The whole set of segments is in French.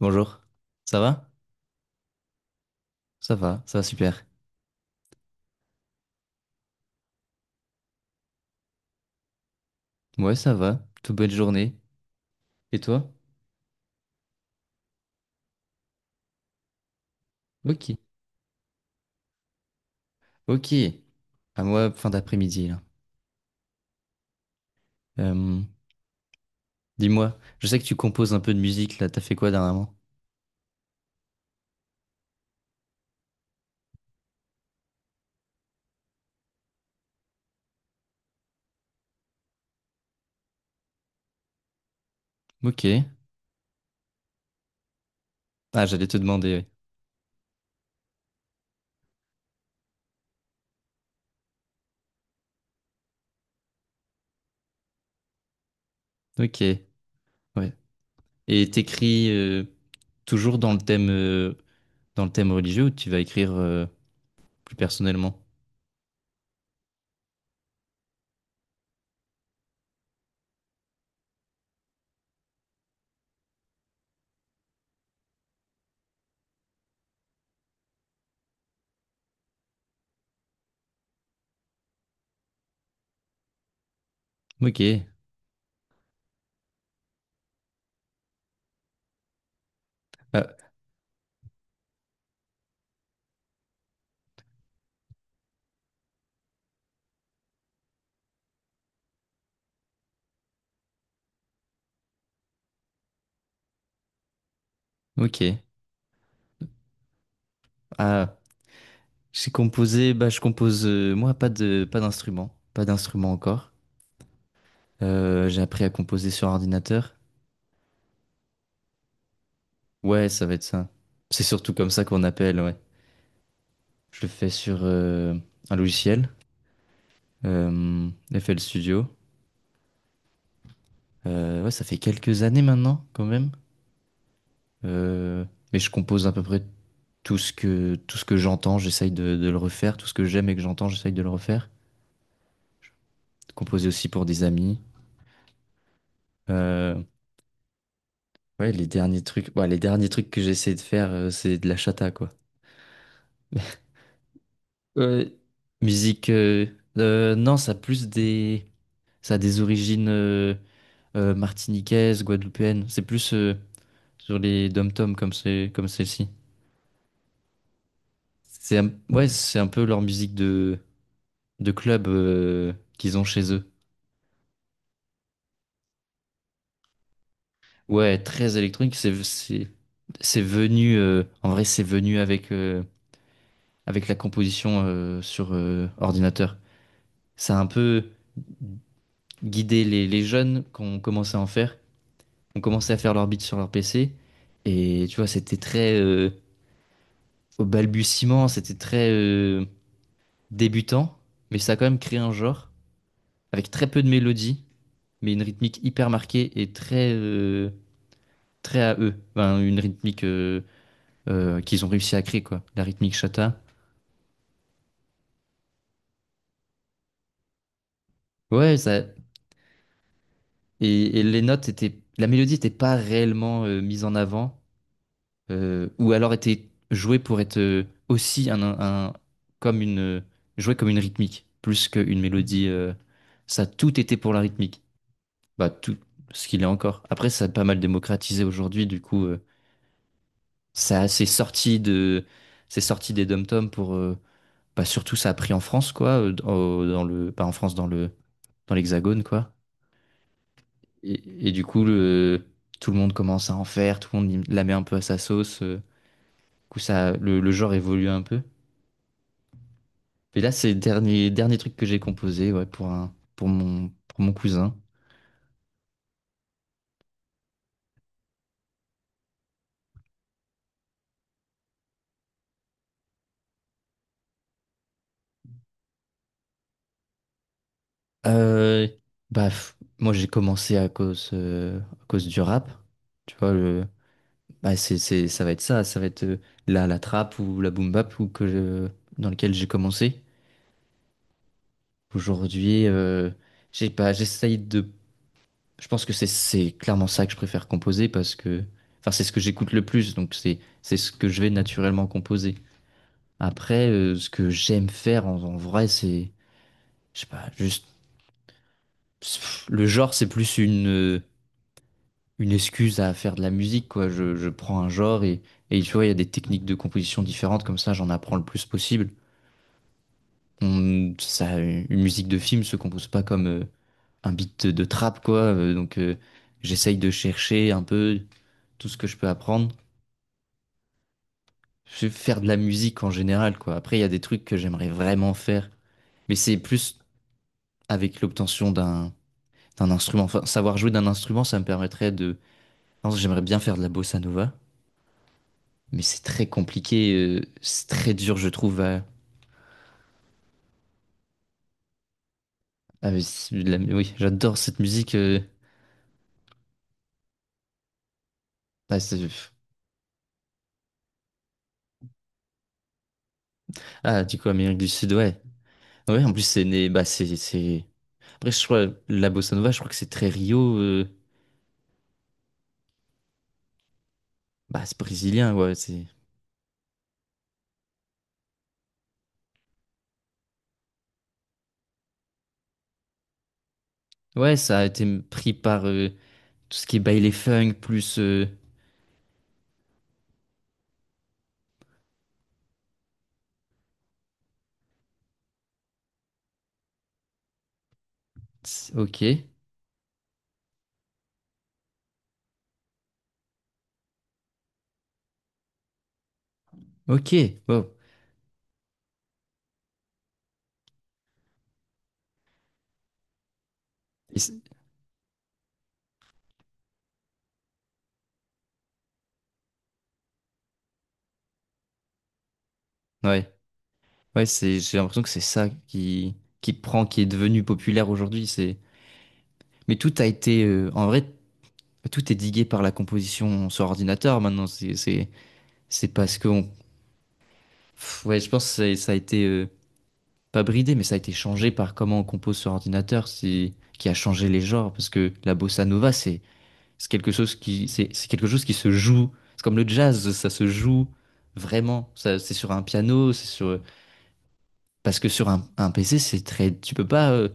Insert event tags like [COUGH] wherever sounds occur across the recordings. Bonjour, ça va? Ça va, ça va super. Ouais, ça va, toute belle journée. Et toi? Ok, ok. À moi, fin d'après-midi, là. Euh, Dis-moi, je sais que tu composes un peu de musique, là, t'as fait quoi dernièrement? Ok. Ah, j'allais te demander, ouais. Ok, ouais. Et t'écris toujours dans le thème religieux ou tu vas écrire plus personnellement? Ok. Ah, ok. Ah, j'ai composé, bah je compose moi pas d'instrument, pas d'instrument encore. J'ai appris à composer sur ordinateur. Ouais, ça va être ça. C'est surtout comme ça qu'on appelle, ouais. Je le fais sur un logiciel, euh, FL Studio. Ouais, ça fait quelques années maintenant, quand même. Euh, mais je compose à peu près tout ce que j'entends, j'essaye de le refaire. Tout ce que j'aime et que j'entends, j'essaye de le refaire. Composer aussi pour des amis. Euh, ouais, les derniers trucs, ouais, les derniers trucs que j'ai essayé de faire, c'est de la chata, quoi. [LAUGHS] Euh, Musique, non, ça a plus des. Ça a des origines martiniquaises, guadeloupéennes. C'est plus sur les dom-toms comme c'est comme celle-ci. Ouais, c'est un peu leur musique de club qu'ils ont chez eux. Ouais, très électronique. C'est c'est venu en vrai, c'est venu avec avec la composition sur ordinateur. Ça a un peu guidé les jeunes qui ont commencé à en faire. Ont commencé à faire leur beat sur leur PC. Et tu vois, c'était très au balbutiement, c'était très débutant, mais ça a quand même créé un genre avec très peu de mélodie, mais une rythmique hyper marquée et très très à eux. Enfin, une rythmique qu'ils ont réussi à créer quoi, la rythmique chata. Ouais, ça et les notes étaient, la mélodie n'était pas réellement mise en avant ou alors était jouée pour être aussi un comme une jouée comme une rythmique plus qu'une mélodie. Ça, tout était pour la rythmique. Bah, tout ce qu'il est encore. Après, ça a pas mal démocratisé aujourd'hui, du coup, ça c'est sorti de, c'est sorti des dom-toms pour, bah, surtout ça a pris en France, quoi, dans le, pas en France, dans le, dans l'Hexagone, quoi. Et du coup, le, tout le monde commence à en faire, tout le monde y- la met un peu à sa sauce. Du coup, ça, le genre évolue un peu. Et là, c'est le dernier, dernier truc que j'ai composé, ouais, pour un, pour mon cousin. Euh, bah, f- Moi j'ai commencé à cause du rap. Tu vois, le, bah, c'est, ça va être ça, ça va être la, la trap ou la boom bap dans lequel j'ai commencé. Aujourd'hui, j'ai pas, j'essaye de. Je pense que c'est clairement ça que je préfère composer parce que. Enfin, c'est ce que j'écoute le plus, donc c'est ce que je vais naturellement composer. Après, ce que j'aime faire en, en vrai, c'est. Je sais pas, juste. Le genre, c'est plus une. Une excuse à faire de la musique, quoi. Je prends un genre et tu vois, il y a des techniques de composition différentes, comme ça, j'en apprends le plus possible. Ça, une musique de film se compose pas comme un beat de trap, quoi. Donc, j'essaye de chercher un peu tout ce que je peux apprendre. Je vais faire de la musique en général, quoi. Après, il y a des trucs que j'aimerais vraiment faire, mais c'est plus avec l'obtention d'un instrument. Enfin, savoir jouer d'un instrument, ça me permettrait de. Par exemple, j'aimerais bien faire de la bossa nova. Mais c'est très compliqué, c'est très dur, je trouve. C'est oui, j'adore cette musique. Ah, c'est- ah, du coup, Amérique du Sud, ouais. Ouais, en plus, c'est né. Bah, c'est… Après, je crois, la bossa nova, je crois que c'est très Rio. Bah, c'est brésilien, ouais. C'est… Ouais, ça a été pris par tout ce qui est baile funk, plus. Ok, ok, wow. Et c'est- ouais, ouais, c'est, j'ai l'impression que c'est ça qui prend, qui est devenu populaire aujourd'hui. C'est… Mais tout a été. En vrai, tout est digué par la composition sur ordinateur maintenant. C'est parce que pff, ouais, je pense que ça a été pas bridé, mais ça a été changé par comment on compose sur ordinateur, qui a changé les genres. Parce que la bossa nova, c'est quelque chose qui c'est quelque chose qui se joue. C'est comme le jazz, ça se joue vraiment. Ça, c'est sur un piano, c'est sur parce que sur un PC, c'est très tu peux pas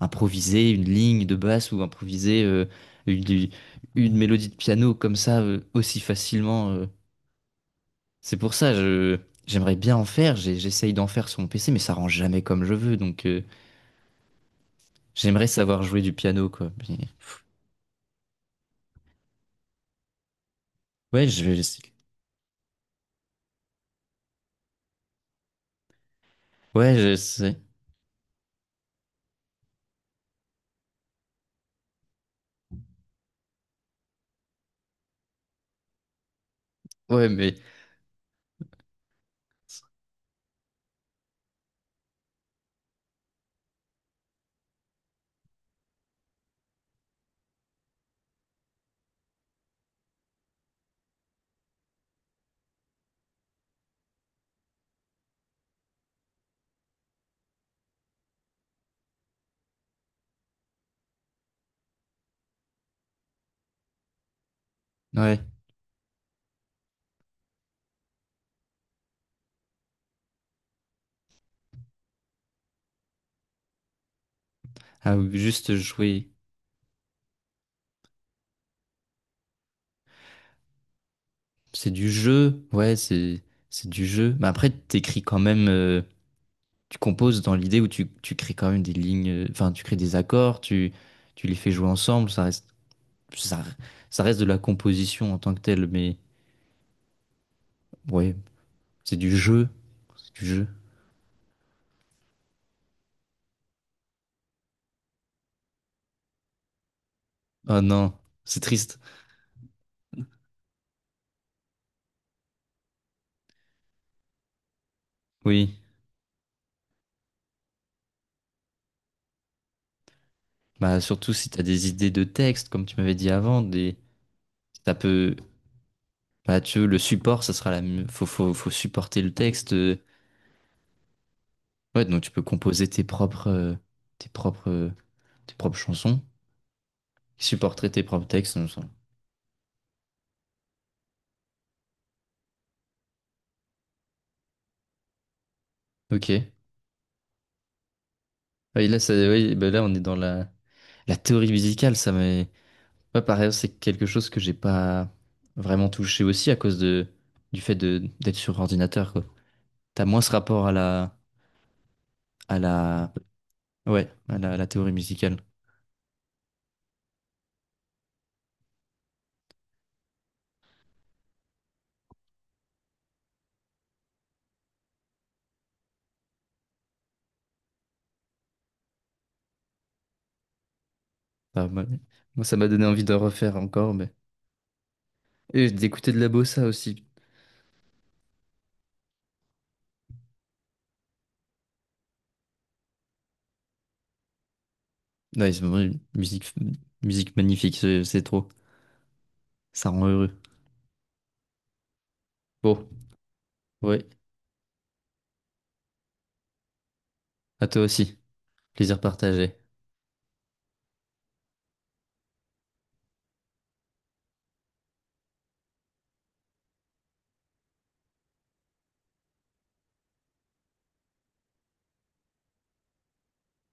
improviser une ligne de basse ou improviser une, une mélodie de piano comme ça aussi facilement. C'est pour ça, je j'aimerais bien en faire. J'essaye d'en faire sur mon PC, mais ça rend jamais comme je veux. Donc, j'aimerais savoir jouer du piano, quoi. Ouais, je vais essayer. Ouais, je sais. Ouais, mais ouais. Ah, ou juste jouer. C'est du jeu. Ouais, c'est du jeu. Mais après, t'écris quand même. Tu composes dans l'idée où tu crées quand même des lignes. Enfin, tu crées des accords. Tu les fais jouer ensemble. Ça Ça reste de la composition en tant que telle. Mais ouais, c'est du jeu. C'est du jeu. Oh non, c'est triste. Oui. Bah surtout si t'as des idées de texte, comme tu m'avais dit avant, des ça peut bah tu veux, le support, ça sera la mieux- faut supporter le texte. Ouais, donc tu peux composer tes propres tes propres tes propres chansons, qui supporteraient tes propres textes. Dans le sens. Ok. Oui, là ça oui, bah là on est dans la la théorie musicale, ça m'est pas pareil, c'est quelque chose que j'ai pas vraiment touché aussi à cause de du fait de d'être sur ordinateur quoi. T'as moins ce rapport à la à la, ouais, à la théorie musicale. Enfin, moi, moi, ça m'a donné envie de refaire encore, mais et d'écouter de la bossa aussi. Ouais, c'est vraiment une musique, musique magnifique, c'est trop. Ça rend heureux. Bon, ouais, à toi aussi. Plaisir partagé.